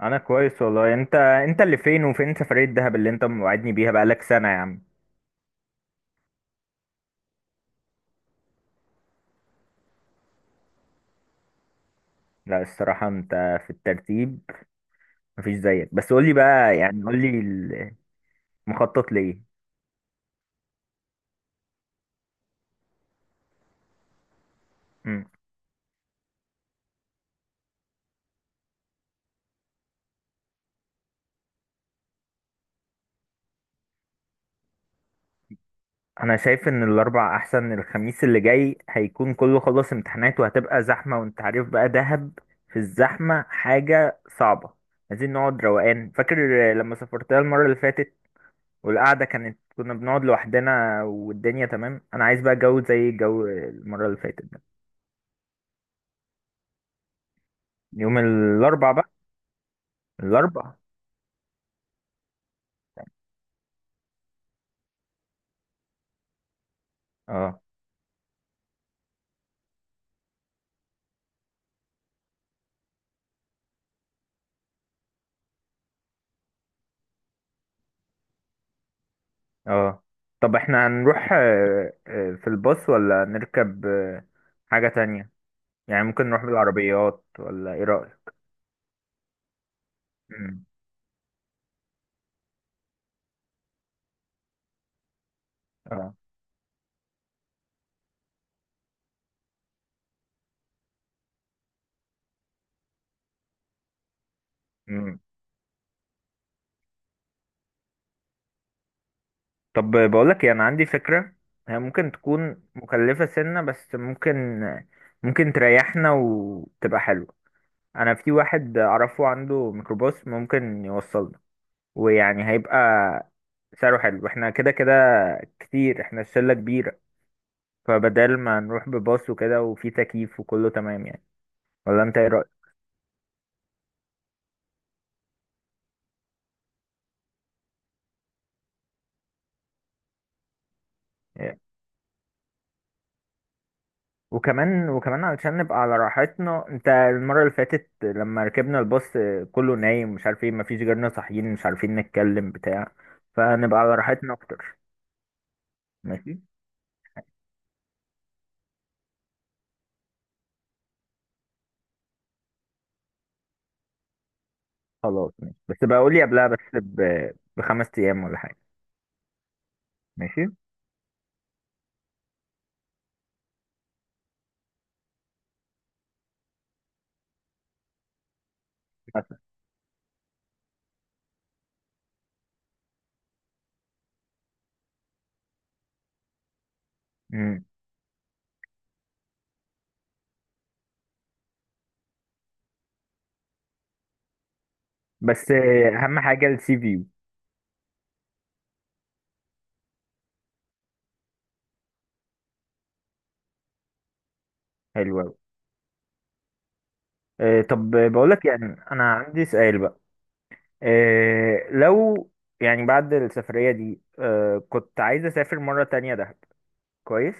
انا كويس والله. انت اللي فين وفين؟ سفرية دهب اللي انت موعدني بيها بقالك سنة يا عم. لا الصراحة انت في الترتيب مفيش زيك، بس قولي بقى، يعني قولي المخطط ليه. مم. انا شايف ان الاربع احسن، الخميس اللي جاي هيكون كله خلص امتحانات وهتبقى زحمة، وانت عارف بقى دهب في الزحمة حاجة صعبة. عايزين نقعد روقان، فاكر لما سافرتها المرة اللي فاتت والقعدة كانت، كنا بنقعد لوحدنا والدنيا تمام. انا عايز بقى جو زي الجو المرة اللي فاتت. يوم الاربع بقى. الاربع. اه، اه، طب احنا هنروح في الباص ولا نركب حاجة تانية؟ يعني ممكن نروح بالعربيات ولا ايه رأيك؟ مم. اه. مم. طب بقولك ايه، انا عندي فكرة. هي ممكن تكون مكلفة سنة بس ممكن، ممكن تريحنا وتبقى حلوة. انا في واحد اعرفه عنده ميكروباص ممكن يوصلنا، ويعني هيبقى سعره حلو. احنا كده كده كتير، احنا شلة كبيرة. فبدل ما نروح بباص وكده، وفي تكييف وكله تمام يعني. ولا انت ايه رأيك؟ يعني. وكمان وكمان علشان نبقى على راحتنا، انت المرة اللي فاتت لما ركبنا الباص كله نايم مش عارف ايه، مفيش غيرنا صاحيين مش عارفين نتكلم بتاع. فنبقى على راحتنا اكتر. ماشي، خلاص ماشي. بس بقى قولي قبلها بس بخمس ايام ولا حاجة. ماشي. مثلا. امم بس اهم حاجة السي في. حلو اوي. اه، طب بقولك يعني انا عندي سؤال بقى. لو يعني بعد السفرية دي كنت عايز أسافر مرة تانية دهب. كويس.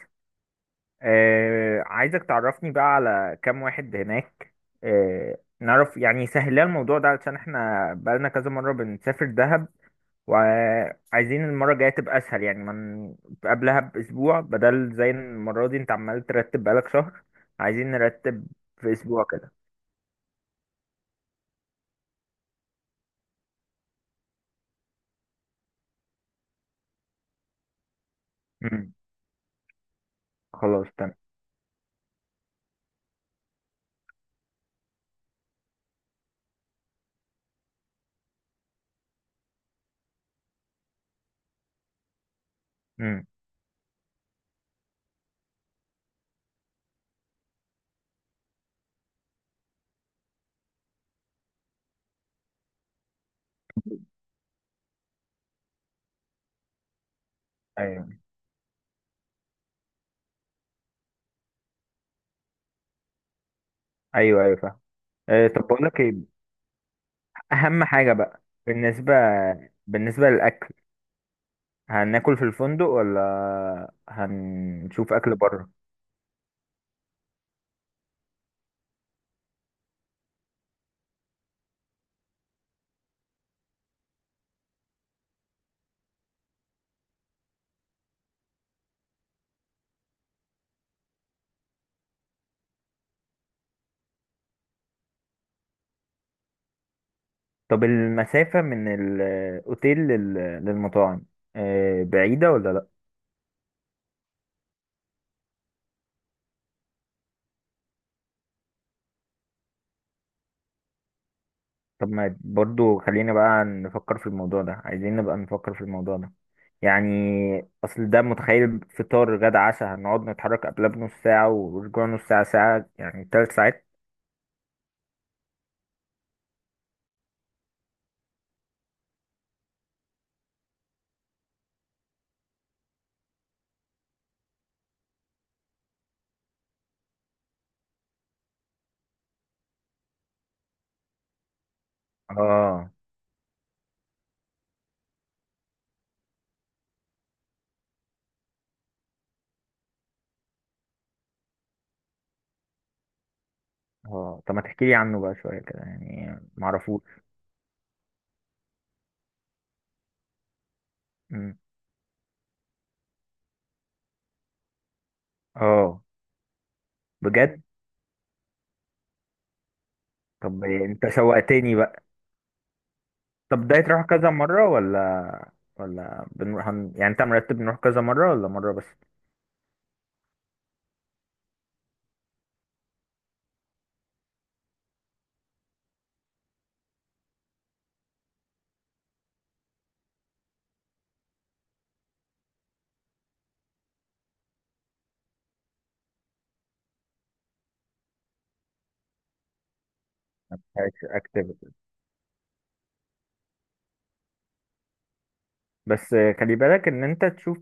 عايزك تعرفني بقى على كام واحد هناك، نعرف يعني سهلها الموضوع ده، علشان احنا بقالنا كذا مرة بنسافر دهب. وعايزين المرة الجاية تبقى أسهل، يعني من قبلها بأسبوع، بدل زي المرة دي أنت عمال ترتب بقالك شهر. عايزين نرتب في أسبوع كده. مم. خلاص تمام. مم. ايوه. ايوه ايوه فاهم. طب بقول لك ايه اهم حاجة بقى بالنسبة للاكل. هناكل في الفندق ولا هنشوف اكل بره؟ طب المسافة من الاوتيل للمطاعم بعيدة ولا لا؟ طب ما برضو خلينا بقى نفكر في الموضوع ده، عايزين نبقى نفكر في الموضوع ده يعني. اصل ده متخيل، فطار غدا عشاء، هنقعد نتحرك قبلها بنص ساعة ورجوع نص ساعة ساعة، يعني 3 ساعات. اه، اه، طب ما تحكي لي عنه بقى شوية كده، يعني معرفوش. اه. بجد. طب انت شوقتني بقى. طب ده هتروح كذا مرة ولا يعني انت مرتب نروح كذا مرة ولا مرة بس؟ اكتيفيتي. بس خلي بالك ان انت تشوف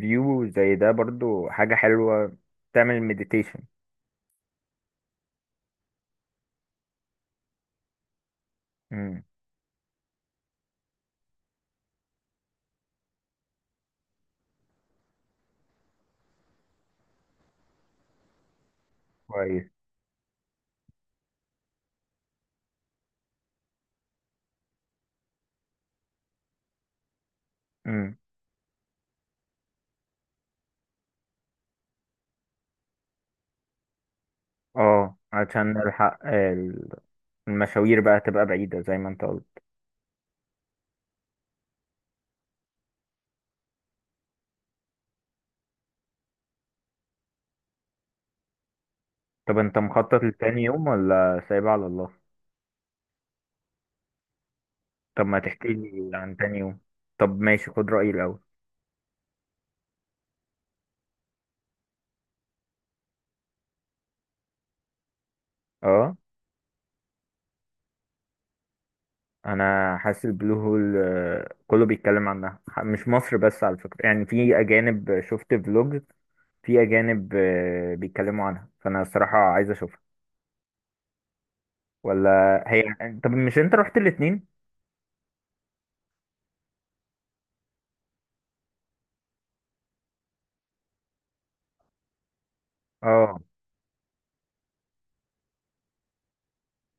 فيو زي ده برضو حاجة حلوة، تعمل مديتيشن. امم. كويس. امم. اه عشان نلحق المشاوير بقى تبقى بعيدة زي ما انت قلت. طب انت مخطط لتاني يوم ولا سايبها على الله؟ طب ما تحكي لي عن تاني يوم. طب ماشي، خد رأيي الأول. اه، انا حاسس البلو هول كله بيتكلم عنها، مش مصر بس على فكرة، يعني في اجانب شفت فلوج، في اجانب بيتكلموا عنها، فانا الصراحة عايز اشوفها. ولا هي. طب مش انت رحت الاتنين؟ اه.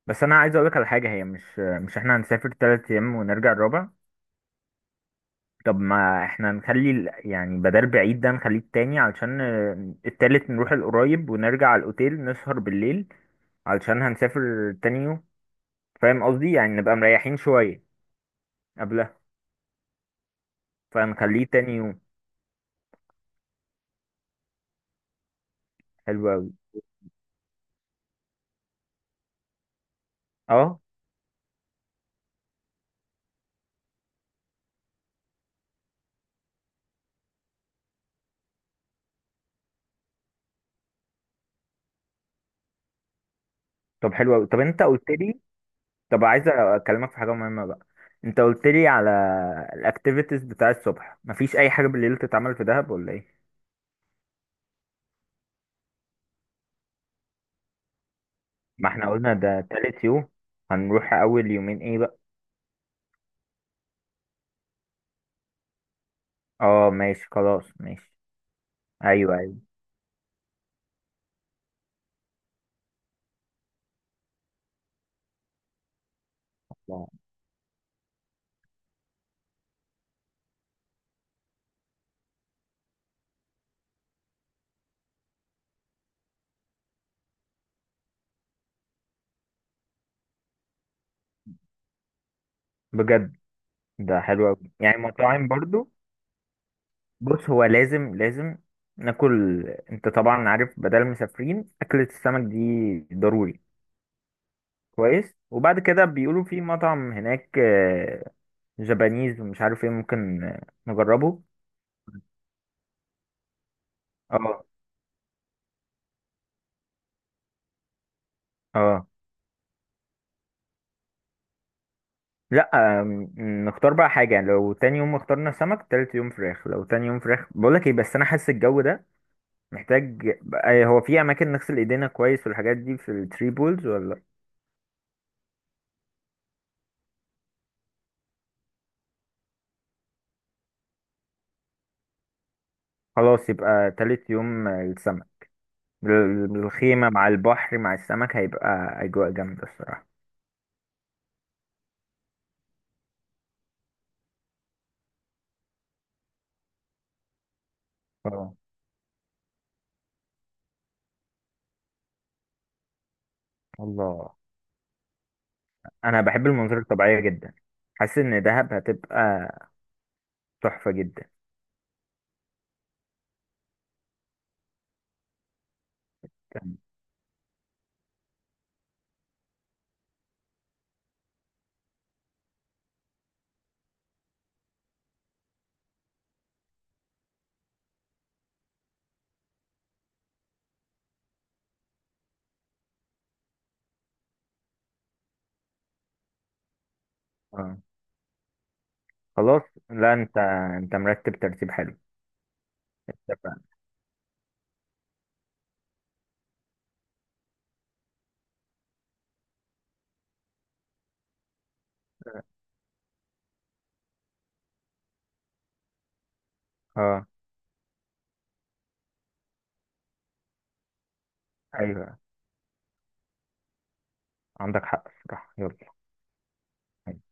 بس انا عايز اقولك على حاجة، هي مش احنا هنسافر 3 ايام ونرجع الرابع؟ طب ما احنا نخلي يعني بدل بعيد ده نخليه التاني، علشان التالت نروح القريب ونرجع على الاوتيل نسهر بالليل، علشان هنسافر تاني يوم. فاهم قصدي، يعني نبقى مريحين شوية قبل. فنخليه تاني يوم. حلو قوي. اه. طب حلو قوي. طب انت قلت لي. طب عايز اكلمك في حاجه مهمه بقى. انت قلت لي على الاكتيفيتيز بتاع الصبح، مفيش اي حاجه بالليل تتعمل في دهب ولا ايه؟ ما احنا قلنا ده تالت يوم، هنروح اول يومين ايه بقى؟ اه ماشي خلاص ماشي. ايوه ايوه. لا. بجد. ده حلو قوي يعني، مطاعم برضو. بص هو لازم لازم ناكل، انت طبعا عارف بدل المسافرين اكلة السمك دي ضروري. كويس. وبعد كده بيقولوا في مطعم هناك جابانيز ومش عارف ايه، ممكن نجربه. اه. اه. لا، نختار بقى حاجة يعني، لو تاني يوم اخترنا سمك تالت يوم فراخ، لو تاني يوم فراخ بقولك ايه، بس انا حاسس الجو ده محتاج. هو في اماكن نغسل ايدينا كويس والحاجات دي في التري بولز ولا؟ خلاص يبقى تالت يوم السمك. الخيمة مع البحر مع السمك هيبقى اجواء جامدة الصراحة. اه. الله. انا بحب المناظر الطبيعيه جدا. حاسس ان دهب هتبقى تحفه جدا. اه. خلاص. لا انت مرتب ترتيب حلو. اتفقنا. اه. ايوه عندك حق الصراحه. يلا. أيوه.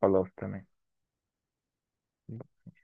خلاص تمام.